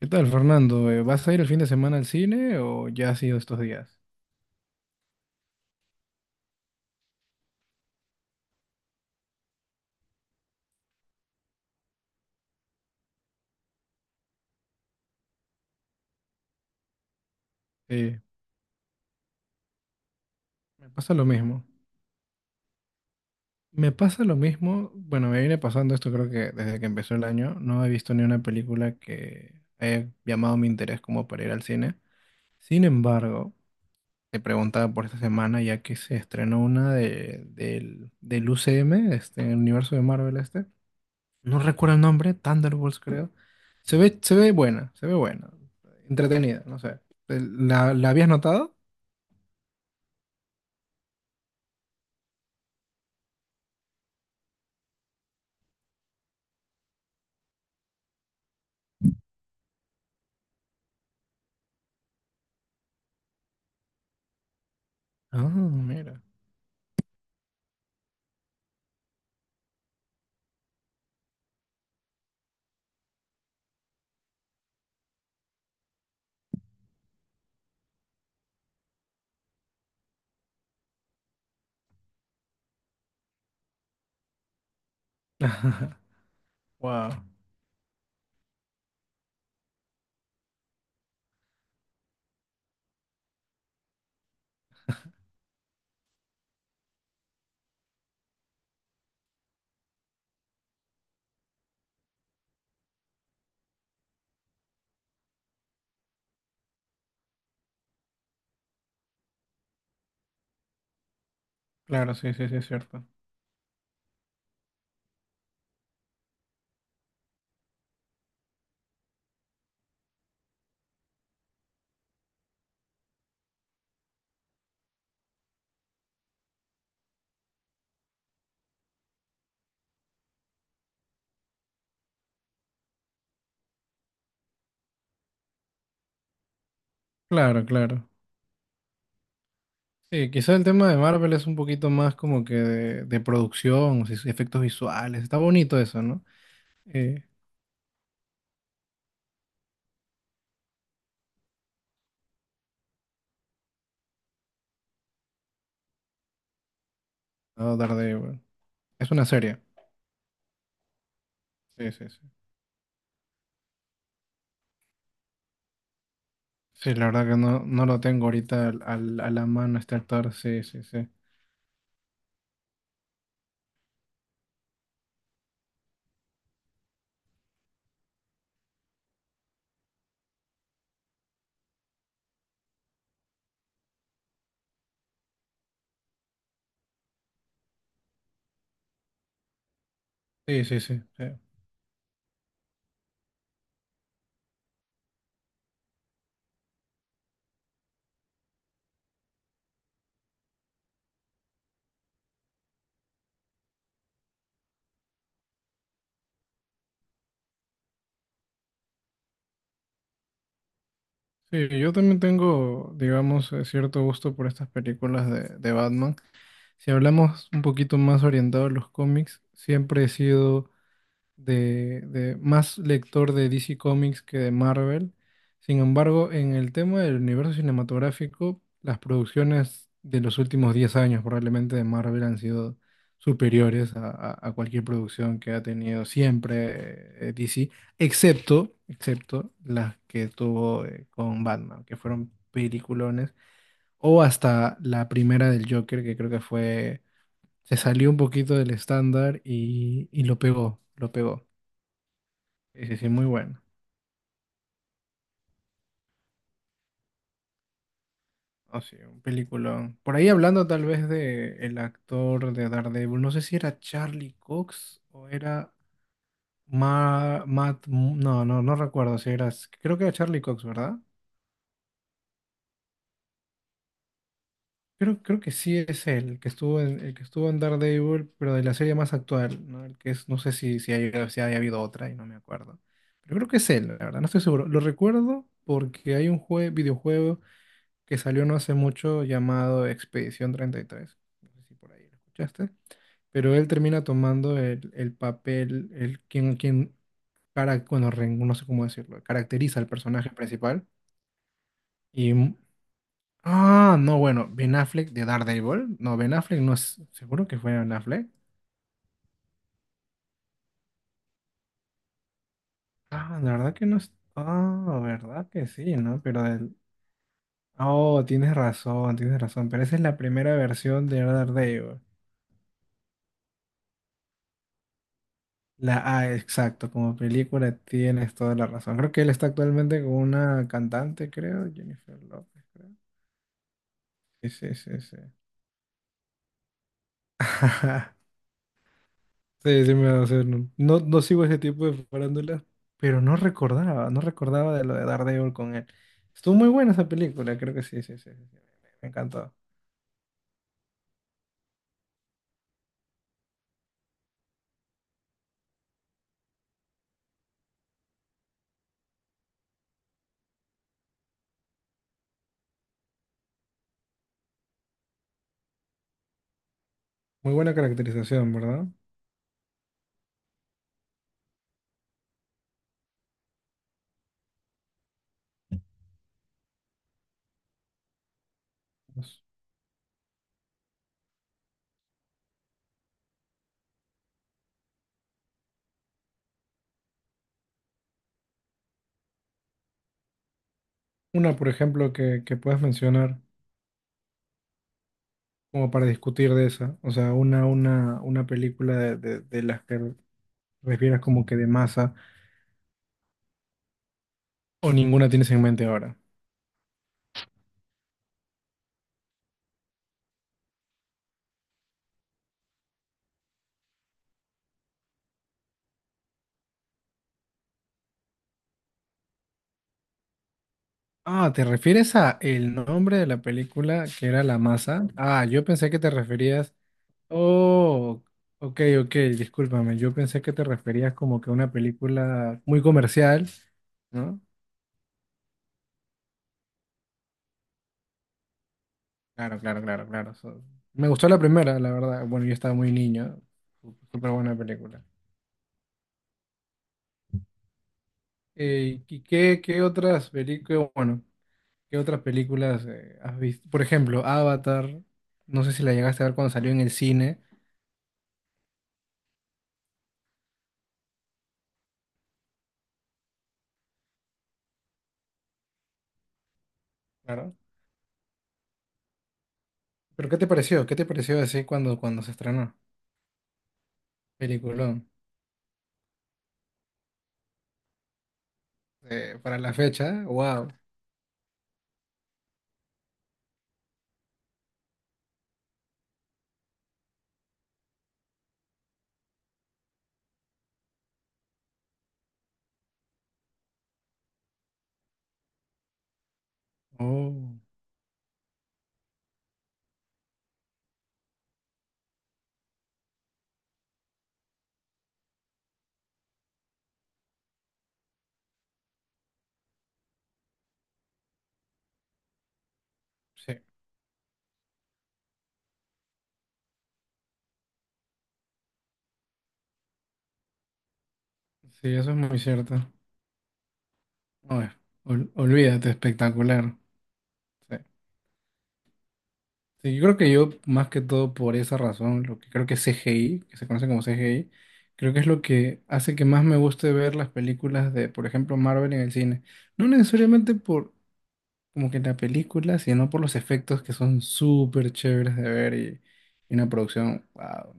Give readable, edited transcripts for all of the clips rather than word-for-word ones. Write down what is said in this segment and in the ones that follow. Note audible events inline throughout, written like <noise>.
¿Qué tal, Fernando? ¿Vas a ir el fin de semana al cine o ya has ido estos días? Sí, me pasa lo mismo. Me pasa lo mismo, bueno, me viene pasando esto creo que desde que empezó el año. No he visto ni una película que haya llamado mi interés como para ir al cine. Sin embargo, te preguntaba por esta semana ya que se estrenó del UCM, este, el universo de Marvel este. No recuerdo el nombre, Thunderbolts creo. Se ve buena, se ve buena. Entretenida, no sé. ¿La habías notado? Ah, mira. <laughs> Wow. Claro, sí, sí, sí, es cierto. Claro, claro. Sí, quizá el tema de Marvel es un poquito más como que de producción, o sí, efectos visuales. Está bonito eso, ¿no? Eh, no, Daredevil. Es una serie. Sí, sí, sí. Sí, la verdad que no, no lo tengo ahorita a la mano este actor. Sí, sí, sí. Sí, sí, sí. Sí, sí, yo también tengo, digamos, cierto gusto por estas películas de Batman. Si hablamos un poquito más orientado a los cómics, siempre he sido de más lector de DC Comics que de Marvel. Sin embargo, en el tema del universo cinematográfico, las producciones de los últimos 10 años probablemente de Marvel han sido superiores a cualquier producción que ha tenido siempre DC, excepto las que tuvo con Batman, que fueron peliculones, o hasta la primera del Joker, que creo que fue se salió un poquito del estándar y lo pegó, lo pegó. Sí, sí, sí, muy bueno. Oh, sí, un peliculón. Por ahí hablando tal vez de el actor de Daredevil, no sé si era Charlie Cox o era Matt, no recuerdo si era, creo que era Charlie Cox, ¿verdad? Creo que sí es él, el que estuvo en, el que estuvo en Daredevil, pero de la serie más actual, ¿no? El que es, no sé si haya habido otra y no me acuerdo. Pero creo que es él, la verdad, no estoy seguro. Lo recuerdo porque hay un videojuego que salió no hace mucho llamado Expedición 33. No sé si por ahí lo escuchaste. Pero él termina tomando el papel, quien para, bueno, no sé cómo decirlo, caracteriza al personaje principal. Y, ah, no, bueno, Ben Affleck de Daredevil. No, Ben Affleck no es, seguro que fue Ben Affleck. Ah, la verdad que no es, ah, verdad que sí, ¿no? Pero del, oh, tienes razón, pero esa es la primera versión de Daredevil. La A, exacto, como película tienes toda la razón. Creo que él está actualmente con una cantante, creo, Jennifer López, creo. Sí, sí, sí, sí. <laughs> Sí, sí me va a hacer. No, no sigo ese tipo de farándulas, pero no recordaba de lo de Daredevil con él. Estuvo muy buena esa película, creo que sí, sí, sí, sí, sí. Me encantó. Muy buena caracterización, ¿verdad? Pues, una, por ejemplo, que puedas mencionar como para discutir de esa. O sea, una película de las que refieras como que de masa o ninguna tienes en mente ahora. Ah, ¿te refieres a el nombre de la película que era La Masa? Ah, yo pensé que te referías. Oh, ok, ok, discúlpame. Yo pensé que te referías como que a una película muy comercial, ¿no? Claro, claro, claro, claro. Me gustó la primera, la verdad. Bueno, yo estaba muy niño. Súper buena película. ¿y qué otras películas? Bueno. ¿Qué otras películas has visto? Por ejemplo, Avatar. No sé si la llegaste a ver cuando salió en el cine. Claro. Pero ¿qué te pareció? ¿Qué te pareció así cuando, cuando se estrenó? Peliculón. Para la fecha, wow. Oh, sí. Sí, eso es muy cierto. A ver, olvídate, espectacular. Sí. Sí, yo creo que yo, más que todo por esa razón, lo que creo que es CGI, que se conoce como CGI, creo que es lo que hace que más me guste ver las películas de, por ejemplo, Marvel en el cine. No necesariamente por como que en la película, sino por los efectos que son súper chéveres de ver y una producción, wow,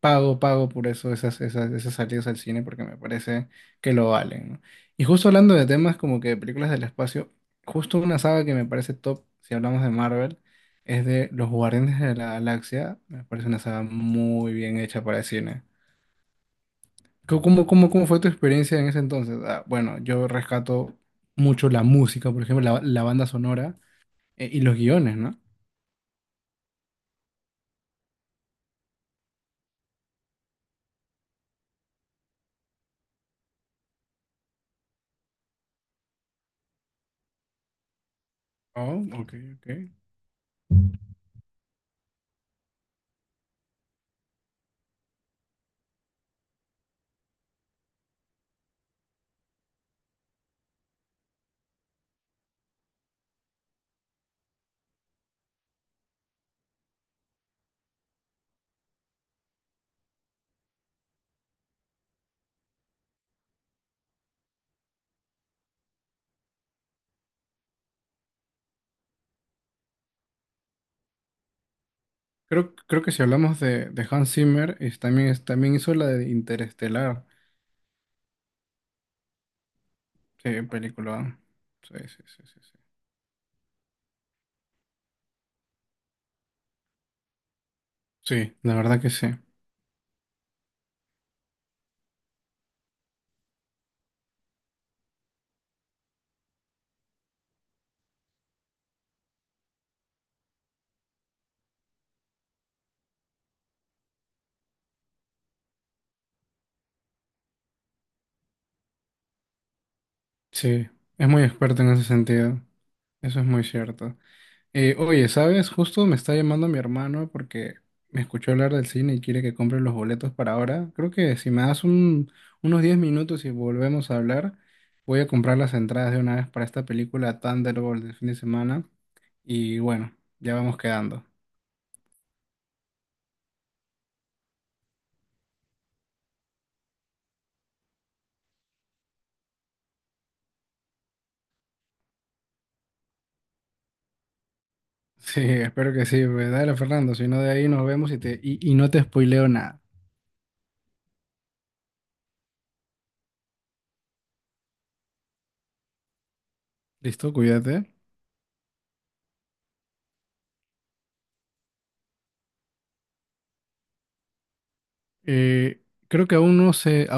pago, pago por eso esas salidas al cine porque me parece que lo valen, ¿no? Y justo hablando de temas como que de películas del espacio, justo una saga que me parece top, si hablamos de Marvel, es de Los Guardianes de la Galaxia, me parece una saga muy bien hecha para el cine. ¿Cómo fue tu experiencia en ese entonces? Ah, bueno, yo rescato mucho la música, por ejemplo, la banda sonora y los guiones, ¿no? Oh, ok, ok. Creo que si hablamos de Hans Zimmer, también hizo la de Interestelar. Sí, película. Sí, sí, sí, sí, sí. Sí, la verdad que sí. Sí, es muy experto en ese sentido. Eso es muy cierto. Oye, ¿sabes? Justo me está llamando mi hermano porque me escuchó hablar del cine y quiere que compre los boletos para ahora. Creo que si me das unos 10 minutos y volvemos a hablar, voy a comprar las entradas de una vez para esta película Thunderbolt del fin de semana. Y bueno, ya vamos quedando. <laughs> Sí, espero que sí, pues dale Fernando, si no de ahí nos vemos y, te, y no te spoileo nada. Listo, cuídate. Eh, Creo que aún no sé,